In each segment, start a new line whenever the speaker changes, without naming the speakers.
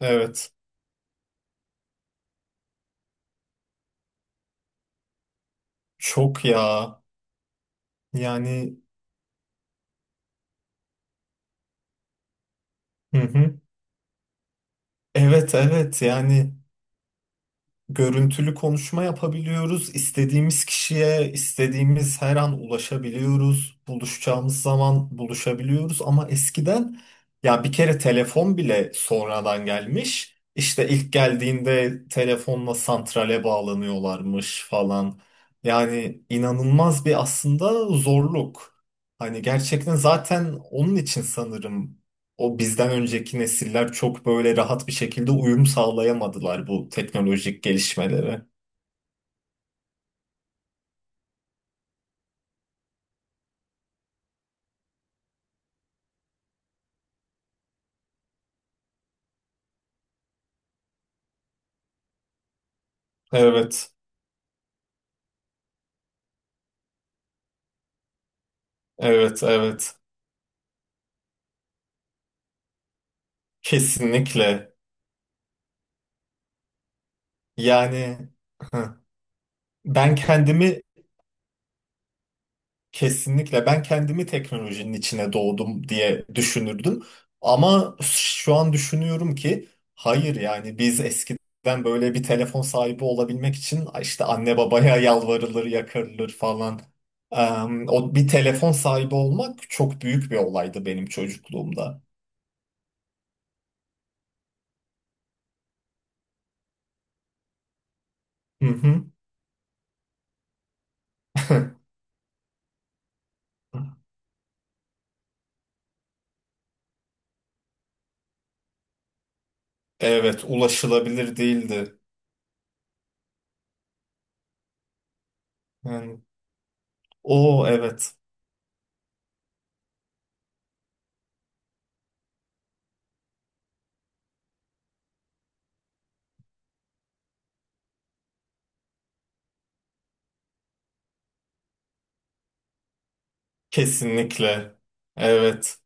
Evet. Çok ya. Yani, hı hı. Evet, evet, yani görüntülü konuşma yapabiliyoruz. İstediğimiz kişiye istediğimiz her an ulaşabiliyoruz. Buluşacağımız zaman buluşabiliyoruz ama eskiden ya bir kere telefon bile sonradan gelmiş. İşte ilk geldiğinde telefonla santrale bağlanıyorlarmış falan. Yani inanılmaz bir aslında zorluk. Hani gerçekten zaten onun için sanırım o bizden önceki nesiller çok böyle rahat bir şekilde uyum sağlayamadılar bu teknolojik gelişmelere. Evet, evet, evet. Kesinlikle. Yani, hı. ben kendimi Kesinlikle ben kendimi teknolojinin içine doğdum diye düşünürdüm. Ama şu an düşünüyorum ki hayır, yani biz eskiden böyle bir telefon sahibi olabilmek için işte anne babaya yalvarılır, yakarılır falan. Eee, O bir telefon sahibi olmak çok büyük bir olaydı benim çocukluğumda. Hı hı. Evet, ulaşılabilir değildi. Yani, o evet, kesinlikle. Evet.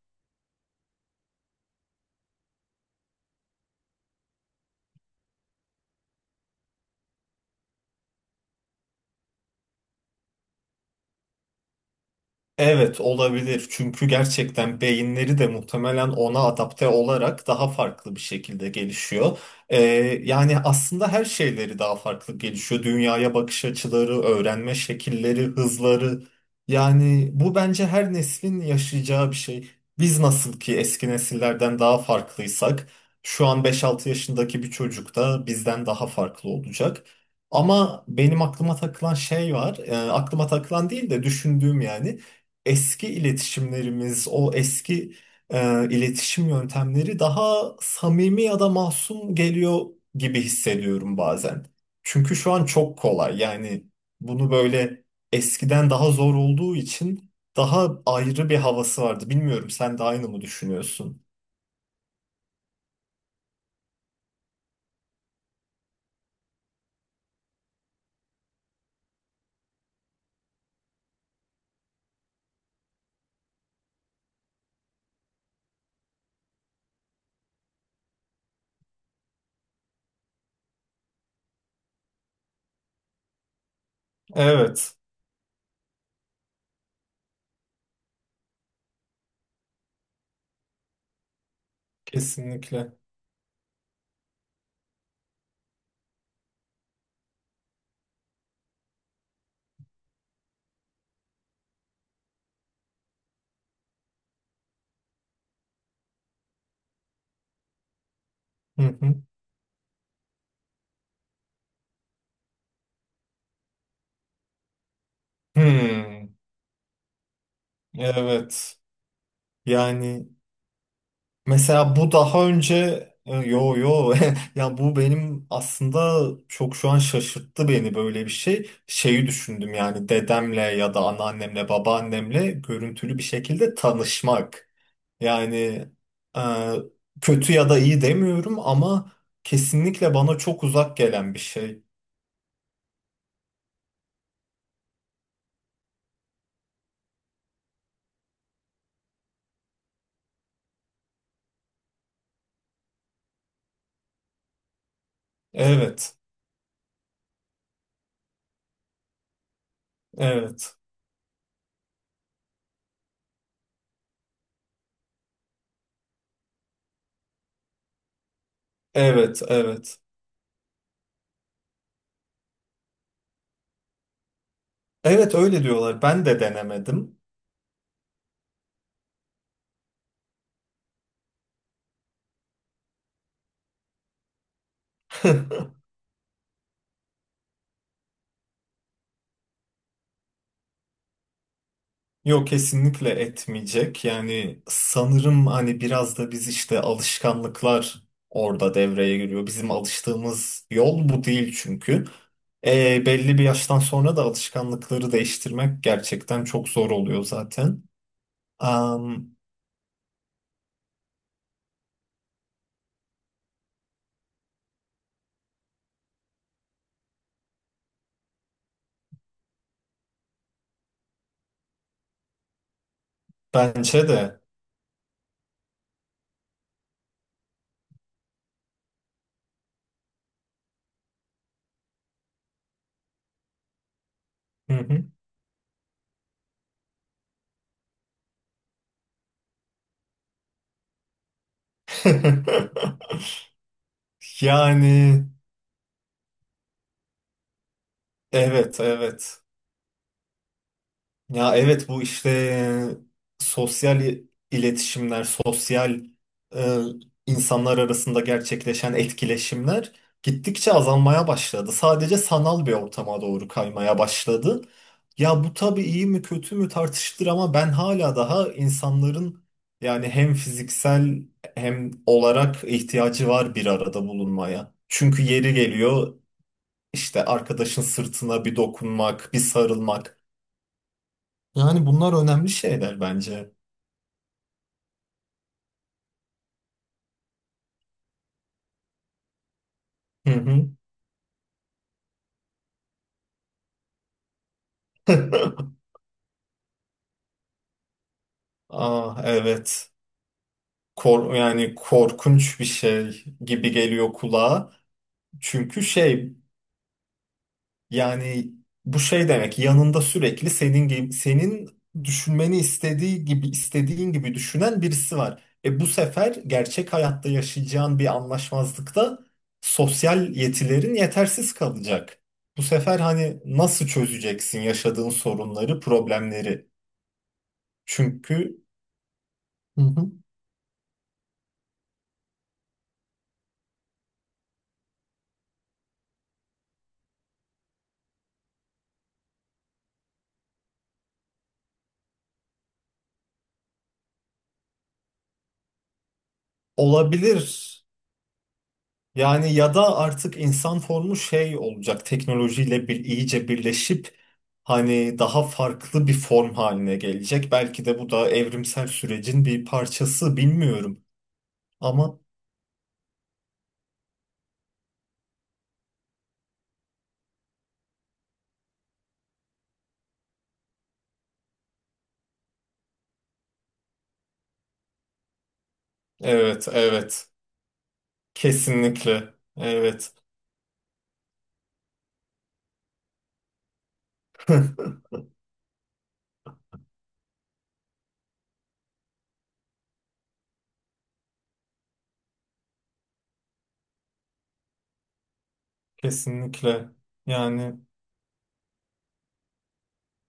Evet, olabilir çünkü gerçekten beyinleri de muhtemelen ona adapte olarak daha farklı bir şekilde gelişiyor. Ee, Yani aslında her şeyleri daha farklı gelişiyor. Dünyaya bakış açıları, öğrenme şekilleri, hızları. Yani bu bence her neslin yaşayacağı bir şey. Biz nasıl ki eski nesillerden daha farklıysak, şu an 5-6 yaşındaki bir çocuk da bizden daha farklı olacak. Ama benim aklıma takılan şey var. Aklıma takılan değil de düşündüğüm, yani eski iletişimlerimiz, o eski, iletişim yöntemleri daha samimi ya da masum geliyor gibi hissediyorum bazen. Çünkü şu an çok kolay. Yani bunu böyle eskiden daha zor olduğu için daha ayrı bir havası vardı. Bilmiyorum, sen de aynı mı düşünüyorsun? Evet, kesinlikle. Hı hı. Hmm, evet. Yani mesela bu daha önce, yo yo, ya bu benim aslında çok şu an şaşırttı beni, böyle bir şey. Şeyi düşündüm yani, dedemle ya da anneannemle babaannemle görüntülü bir şekilde tanışmak. Yani, e, kötü ya da iyi demiyorum ama kesinlikle bana çok uzak gelen bir şey. Evet, evet, evet, evet. Evet, öyle diyorlar. Ben de denemedim. Yok, kesinlikle etmeyecek. Yani sanırım hani biraz da biz işte alışkanlıklar orada devreye giriyor. Bizim alıştığımız yol bu değil çünkü. E, belli bir yaştan sonra da alışkanlıkları değiştirmek gerçekten çok zor oluyor zaten. Am, Bence de. Hı hı. Yani evet, evet. Ya evet, bu işte, sosyal iletişimler, sosyal, e, insanlar arasında gerçekleşen etkileşimler gittikçe azalmaya başladı. Sadece sanal bir ortama doğru kaymaya başladı. Ya bu tabii iyi mi kötü mü tartışılır ama ben hala daha insanların, yani hem fiziksel hem olarak ihtiyacı var bir arada bulunmaya. Çünkü yeri geliyor işte arkadaşın sırtına bir dokunmak, bir sarılmak. Yani bunlar önemli şeyler bence. Hı hı. Ah, evet. Yani korkunç bir şey gibi geliyor kulağa. Çünkü şey, yani bu şey demek, yanında sürekli senin gibi, senin düşünmeni istediğin gibi düşünen birisi var. E bu sefer gerçek hayatta yaşayacağın bir anlaşmazlıkta sosyal yetilerin yetersiz kalacak. Bu sefer hani nasıl çözeceksin yaşadığın sorunları, problemleri? Çünkü. Hı hı. Olabilir. Yani ya da artık insan formu şey olacak. Teknolojiyle bir iyice birleşip hani daha farklı bir form haline gelecek. Belki de bu da evrimsel sürecin bir parçası, bilmiyorum. Ama evet, evet, kesinlikle evet. Kesinlikle. Yani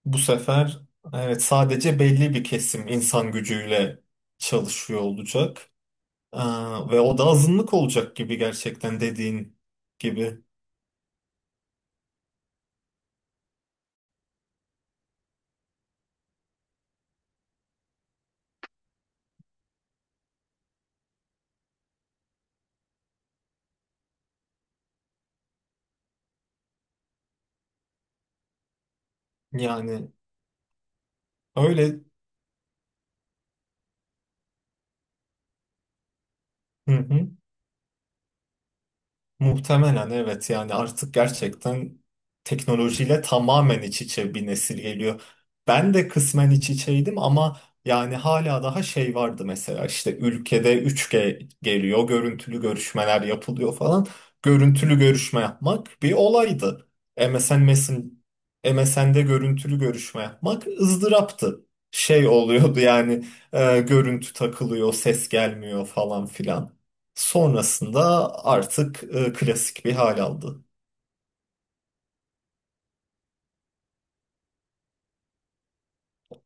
bu sefer evet, sadece belli bir kesim insan gücüyle çalışıyor olacak. Aa, ve o da azınlık olacak gibi, gerçekten dediğin gibi. Yani öyle. Hı hı. Muhtemelen evet, yani artık gerçekten teknolojiyle tamamen iç içe bir nesil geliyor. Ben de kısmen iç içeydim ama yani hala daha şey vardı, mesela işte ülkede 3G geliyor, görüntülü görüşmeler yapılıyor falan. Görüntülü görüşme yapmak bir olaydı. MSN Messen- MSN'de görüntülü görüşme yapmak ızdıraptı. Şey oluyordu yani, görüntü takılıyor, ses gelmiyor falan filan. Sonrasında artık, klasik bir hal aldı.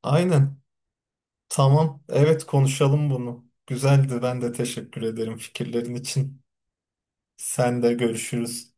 Aynen. Tamam. Evet, konuşalım bunu. Güzeldi. Ben de teşekkür ederim fikirlerin için. Sen de, görüşürüz.